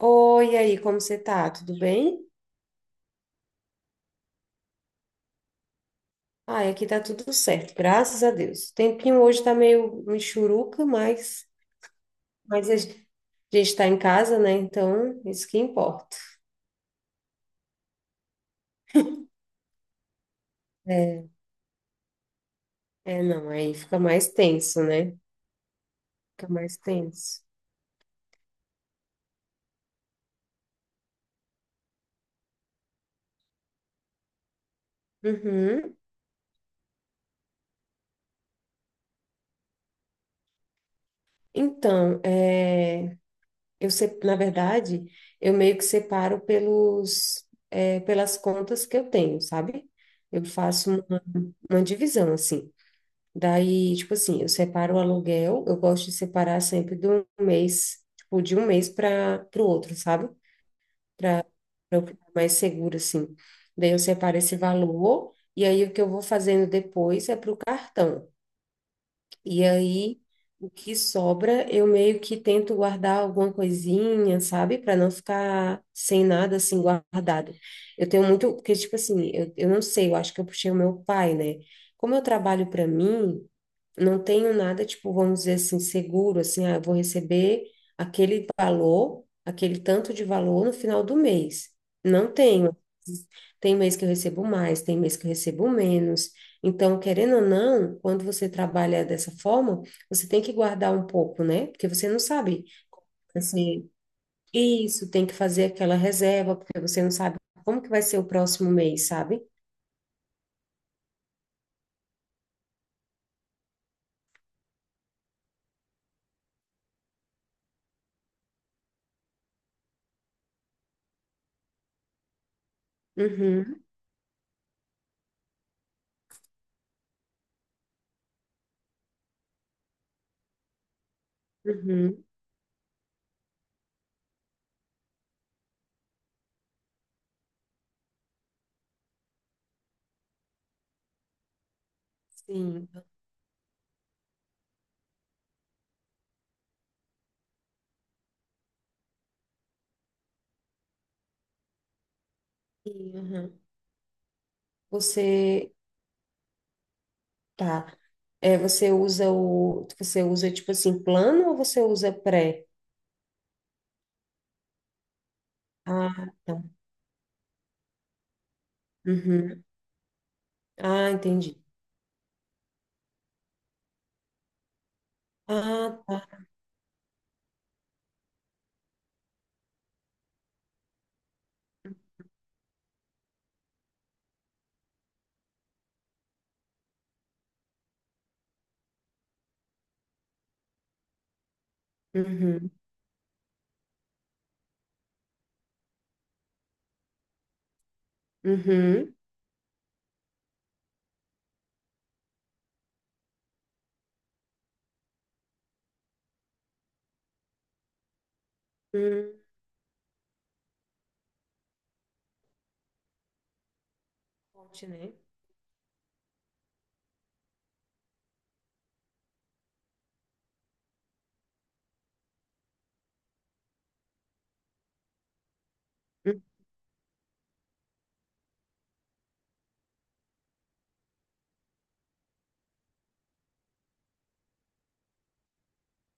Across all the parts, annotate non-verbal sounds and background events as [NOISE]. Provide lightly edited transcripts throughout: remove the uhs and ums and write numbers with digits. Oi, e aí, como você tá? Tudo bem? Ai, aqui tá tudo certo, graças a Deus. O tempinho hoje tá meio michuruca, mas, mas a gente tá em casa, né? Então, isso que importa. É, é, não, aí fica mais tenso, né? Fica mais tenso. Uhum. Então, é, eu, se- na verdade, eu meio que separo pelas contas que eu tenho, sabe? Eu faço uma divisão, assim. Daí, tipo assim, eu separo o aluguel, eu gosto de separar sempre do mês, tipo, de um mês para o outro, sabe? Para eu ficar mais seguro assim. Daí eu separo esse valor, e aí o que eu vou fazendo depois é para o cartão. E aí, o que sobra, eu meio que tento guardar alguma coisinha, sabe? Para não ficar sem nada assim guardado. Eu tenho muito, porque, tipo assim, eu não sei, eu acho que eu puxei o meu pai, né? Como eu trabalho para mim, não tenho nada, tipo, vamos dizer assim, seguro, assim, ah, eu vou receber aquele tanto de valor no final do mês. Não tenho. Tem mês que eu recebo mais, tem mês que eu recebo menos. Então, querendo ou não, quando você trabalha dessa forma, você tem que guardar um pouco, né? Porque você não sabe, assim, isso, tem que fazer aquela reserva, porque você não sabe como que vai ser o próximo mês, sabe? Uhum, uhum, sim. Uhum. Você, tá. É, você usa tipo assim, plano ou você usa pré? Ah, tá. Uhum. Ah, entendi. Ah, tá. Uhum. Uhum. Hum, Forte, né?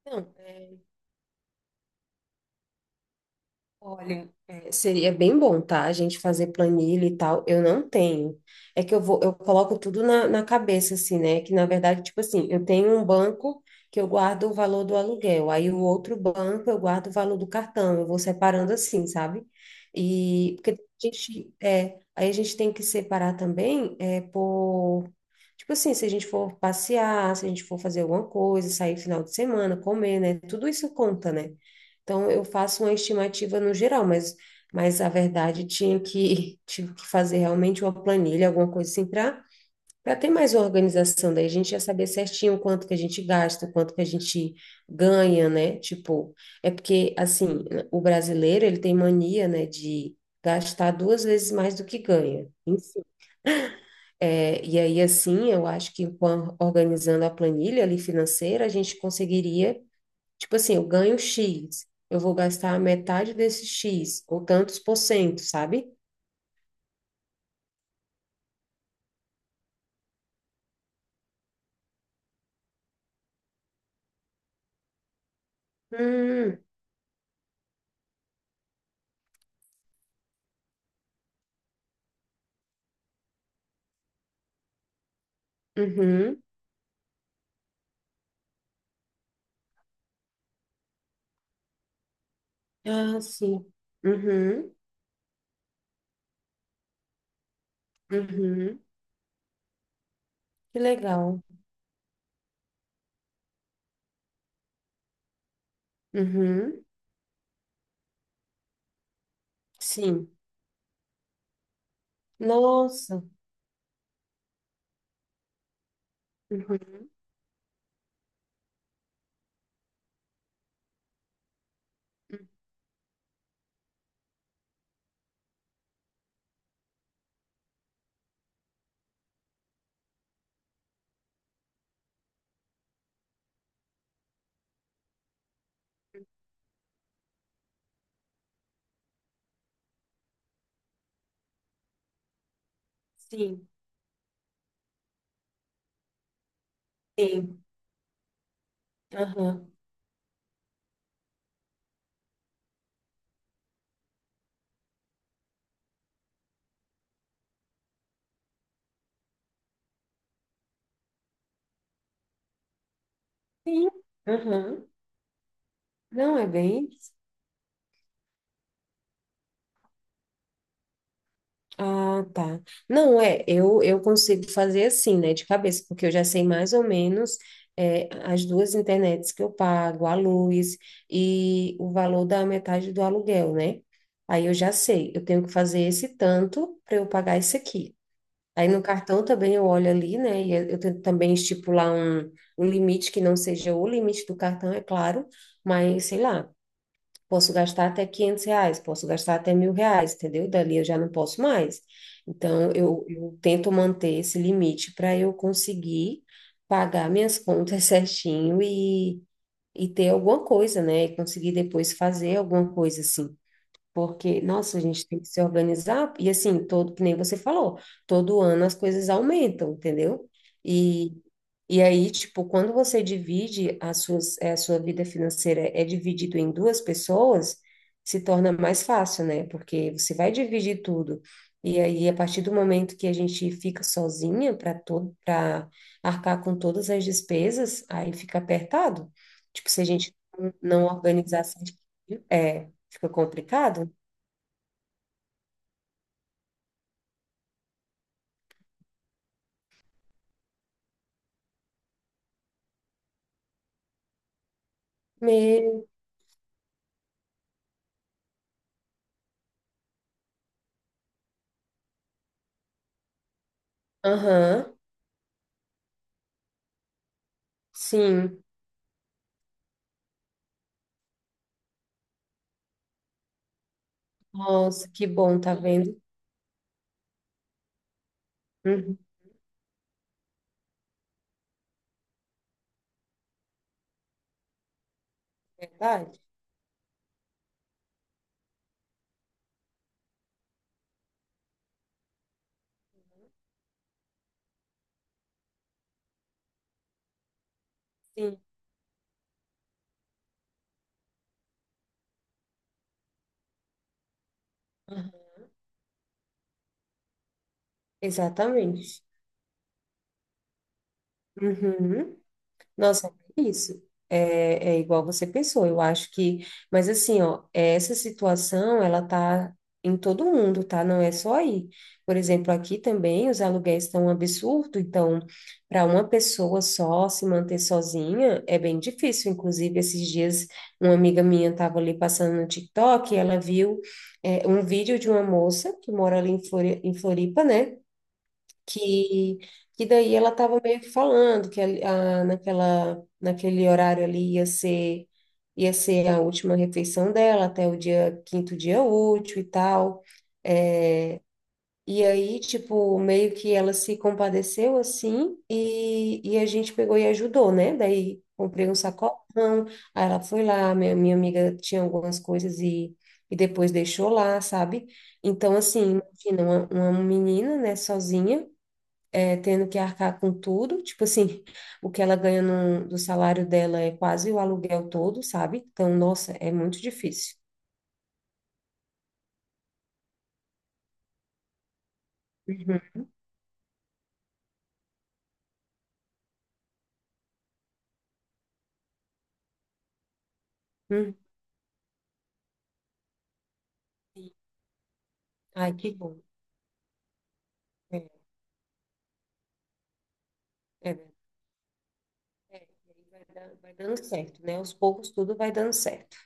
Não, olha, seria bem bom, tá? A gente fazer planilha e tal. Eu não tenho. É que eu coloco tudo na cabeça, assim, né? Que na verdade, tipo assim, eu tenho um banco que eu guardo o valor do aluguel, aí o outro banco eu guardo o valor do cartão. Eu vou separando assim, sabe? E porque aí a gente tem que separar também. É, por Tipo assim, se a gente for passear, se a gente for fazer alguma coisa, sair final de semana, comer, né? Tudo isso conta, né? Então, eu faço uma estimativa no geral, mas a verdade [LAUGHS] tive que fazer realmente uma planilha, alguma coisa assim, para ter mais organização. Daí a gente ia saber certinho quanto que a gente gasta, quanto que a gente ganha, né? Tipo, porque, assim, o brasileiro, ele tem mania, né, de gastar duas vezes mais do que ganha. Enfim. É, e aí, assim, eu acho que organizando a planilha ali financeira, a gente conseguiria. Tipo assim, eu ganho X, eu vou gastar metade desse X, ou tantos por cento, sabe? Hum, uhum. Ah, sim. Uhum, uhum. Que legal. Uhum, sim. Nossa. Uhum. Sim, sim. Aham. Sim. Aham. Não, é bem. Ah, tá. Não, eu consigo fazer assim, né, de cabeça, porque eu já sei mais ou menos as duas internets que eu pago, a luz e o valor da metade do aluguel, né? Aí eu já sei, eu tenho que fazer esse tanto para eu pagar isso aqui. Aí no cartão também eu olho ali, né, e eu tento também estipular um limite que não seja o limite do cartão, é claro, mas sei lá. Posso gastar até R$ 500, posso gastar até R$ 1.000, entendeu? Dali eu já não posso mais. Então, eu tento manter esse limite para eu conseguir pagar minhas [LAUGHS] contas certinho e ter alguma coisa, né? E conseguir depois fazer alguma coisa assim. Porque, nossa, a gente tem que se organizar, e assim, que nem você falou, todo ano as coisas aumentam, entendeu? E, e aí, tipo, quando você divide a sua vida financeira é dividido em duas pessoas, se torna mais fácil, né? Porque você vai dividir tudo. E aí, a partir do momento que a gente fica sozinha para arcar com todas as despesas, aí fica apertado. Tipo, se a gente não organizar certinho, fica complicado. Meu. Aham. Sim. Nossa, que bom, tá vendo? Uhum. Verdade? Sim. Aham. Exatamente. Uhum. Nossa, é isso. É igual você pensou, eu acho que. Mas assim, ó, essa situação, ela tá em todo mundo, tá? Não é só aí. Por exemplo, aqui também os aluguéis estão um absurdo, então, para uma pessoa só se manter sozinha é bem difícil. Inclusive, esses dias, uma amiga minha estava ali passando no TikTok e ela viu, um vídeo de uma moça que mora ali em em Floripa, né? que, que daí ela estava meio que falando que naquele horário ali ia ser a última refeição dela até o dia quinto dia útil e tal. É, e aí, tipo, meio que ela se compadeceu assim e a gente pegou e ajudou, né? Daí comprei um sacolão, aí ela foi lá, minha amiga tinha algumas coisas e depois deixou lá, sabe? Então, assim, imagina, uma menina, né, sozinha tendo que arcar com tudo, tipo assim, o que ela ganha no, do salário dela é quase o aluguel todo, sabe? Então, nossa, é muito difícil. Uhum. Uhum. Ai, que bom. É, é, é, é, vai dando certo, né? Aos poucos tudo vai dando certo.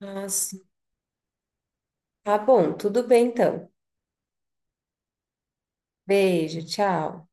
Ah, sim. Tá bom, tudo bem então. Beijo, tchau.